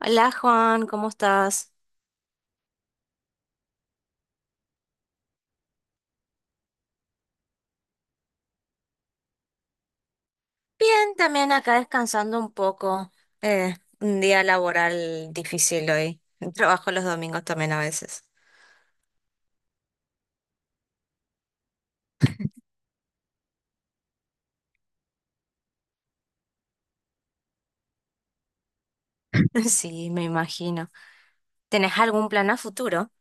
Hola Juan, ¿cómo estás? Bien, también acá descansando un poco. Eh, un día laboral difícil hoy. Trabajo los domingos también a veces. Sí, me imagino. ¿Tenés algún plan a futuro?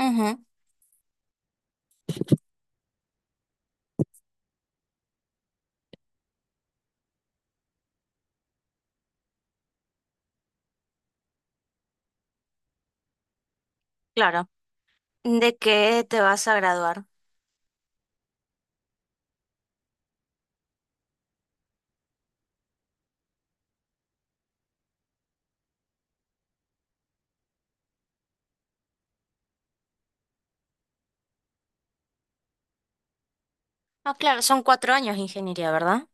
Ujú, claro. ¿De qué te vas a graduar? Ah, claro, son 4 años de ingeniería, ¿verdad?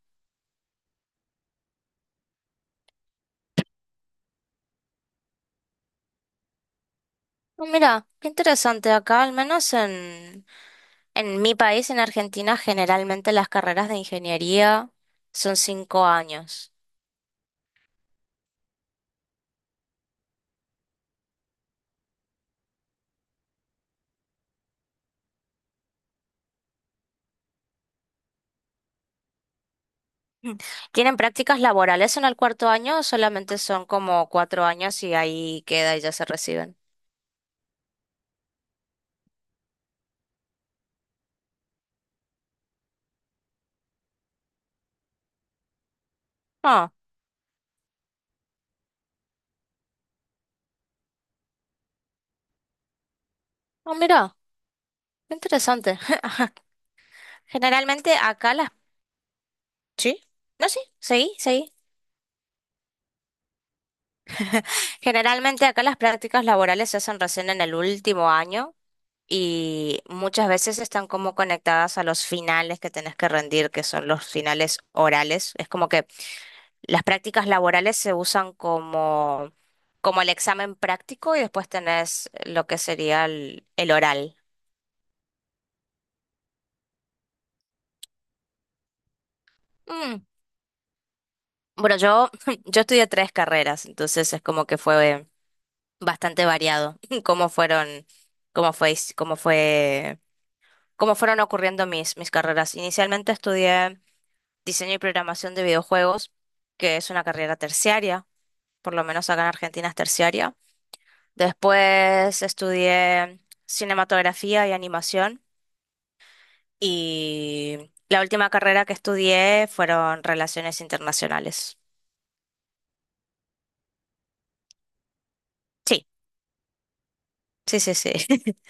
Ah, mira, qué interesante. Acá, al menos en mi país, en Argentina, generalmente las carreras de ingeniería son 5 años. ¿Tienen prácticas laborales en el cuarto año o solamente son como 4 años y ahí queda y ya se reciben? Ah, ah, mira, qué interesante. Generalmente acá las... ¿Sí? No, sí, sí. Generalmente acá las prácticas laborales se hacen recién en el último año y muchas veces están como conectadas a los finales que tenés que rendir, que son los finales orales. Es como que las prácticas laborales se usan como, como el examen práctico y después tenés lo que sería el oral. Mm, Bueno, yo estudié tres carreras, entonces es como que fue bastante variado. cómo fueron, cómo cómo fueron ocurriendo mis carreras. Inicialmente estudié diseño y programación de videojuegos, que es una carrera terciaria, por lo menos acá en Argentina es terciaria. Después estudié cinematografía y animación. Y la última carrera que estudié fueron relaciones internacionales. Sí, sí.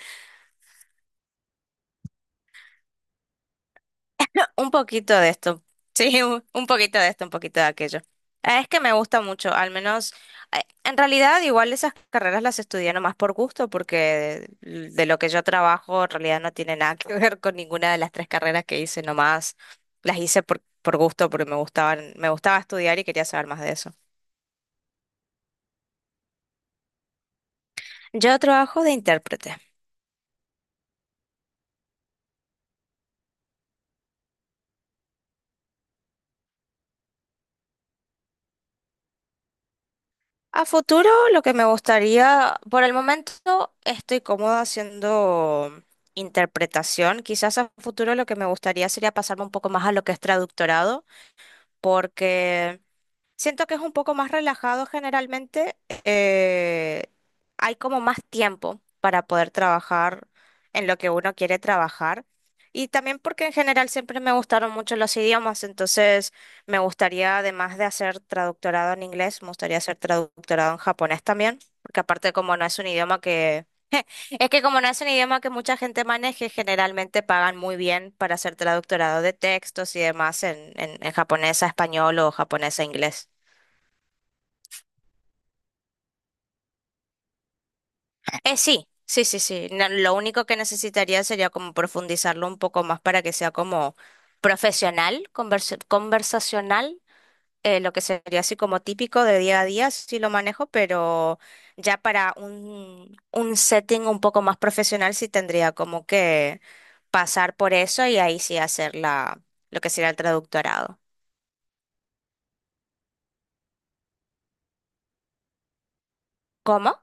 Un poquito de esto. Sí, un poquito de esto, un poquito de aquello. Es que me gusta mucho, al menos, en realidad igual esas carreras las estudié nomás por gusto, porque de lo que yo trabajo en realidad no tiene nada que ver con ninguna de las tres carreras que hice, nomás las hice por gusto, porque me gustaban, me gustaba estudiar y quería saber más de eso. Yo trabajo de intérprete. A futuro, lo que me gustaría, por el momento estoy cómoda haciendo interpretación. Quizás a futuro lo que me gustaría sería pasarme un poco más a lo que es traductorado, porque siento que es un poco más relajado generalmente. eh, Hay como más tiempo para poder trabajar en lo que uno quiere trabajar. Y también porque en general siempre me gustaron mucho los idiomas, entonces me gustaría, además de hacer traductorado en inglés, me gustaría hacer traductorado en japonés también, porque aparte como no es un idioma que... Es que como no es un idioma que mucha gente maneje, generalmente pagan muy bien para hacer traductorado de textos y demás en japonés a español o japonés a inglés. Sí, sí, sí, sí. Lo único que necesitaría sería como profundizarlo un poco más para que sea como profesional, conversacional, lo que sería así como típico de día a día, sí lo manejo, pero ya para un setting un poco más profesional sí tendría como que pasar por eso y ahí sí hacer lo que sería el traductorado. ¿Cómo?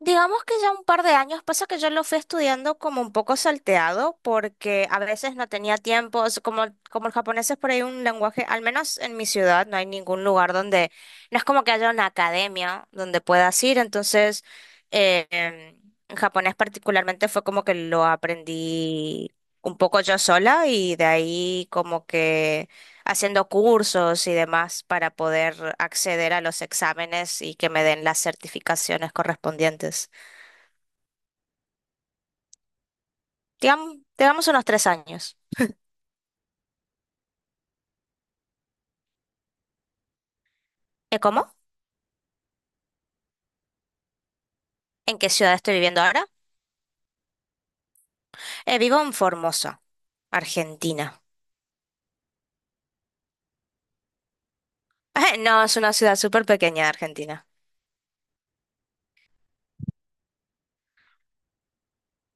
Digamos que ya un par de años, pasa que yo lo fui estudiando como un poco salteado, porque a veces no tenía tiempo, como el japonés es por ahí un lenguaje, al menos en mi ciudad no hay ningún lugar donde, no es como que haya una academia donde puedas ir, entonces eh, em, en japonés particularmente fue como que lo aprendí un poco yo sola y de ahí como que haciendo cursos y demás para poder acceder a los exámenes y que me den las certificaciones correspondientes. Digamos unos 3 años. Cómo? ¿En qué ciudad estoy viviendo ahora? Vivo en Formosa, Argentina. No, es una ciudad súper pequeña de Argentina.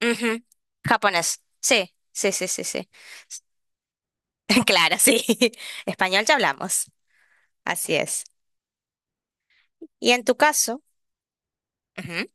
Ujú. Japonés. Sí, sí, sí, sí, sí. Claro, sí. Español ya hablamos. Así es. ¿Y en tu caso? Ujú.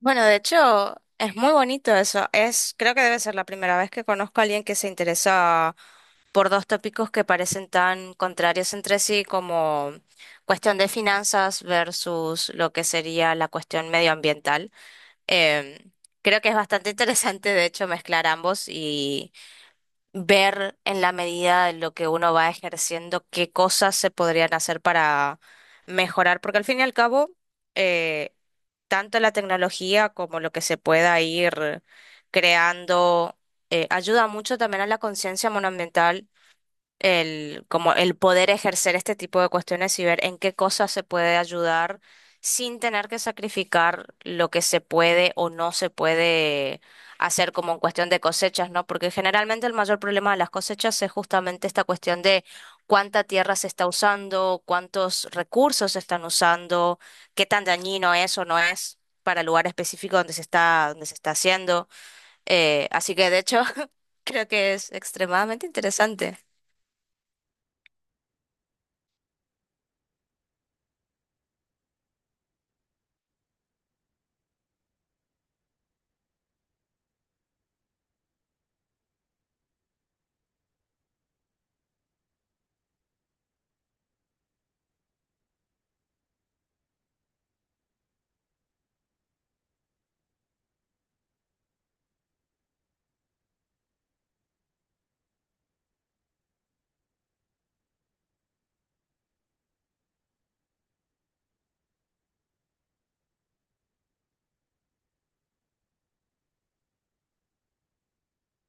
Bueno, de hecho, es muy bonito eso. Es, creo que debe ser la primera vez que conozco a alguien que se interesa por dos tópicos que parecen tan contrarios entre sí, como cuestión de finanzas versus lo que sería la cuestión medioambiental. Em, creo que es bastante interesante, de hecho, mezclar ambos, ver en la medida de lo que uno va ejerciendo qué cosas se podrían hacer para mejorar, porque al fin y al cabo, eh, tanto la tecnología como lo que se pueda ir creando, ayuda mucho también a la conciencia monoambiental, como el poder ejercer este tipo de cuestiones y ver en qué cosas se puede ayudar sin tener que sacrificar lo que se puede o no se puede hacer como en cuestión de cosechas, ¿no? Porque generalmente el mayor problema de las cosechas es justamente esta cuestión de cuánta tierra se está usando, cuántos recursos se están usando, qué tan dañino es o no es para el lugar específico donde se está haciendo. Así que de hecho creo que es extremadamente interesante.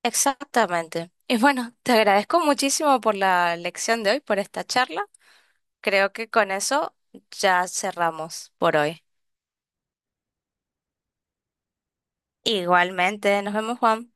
Exactamente. Y bueno, te agradezco muchísimo por la lección de hoy, por esta charla. Creo que con eso ya cerramos por hoy. Igualmente, nos vemos, Juan.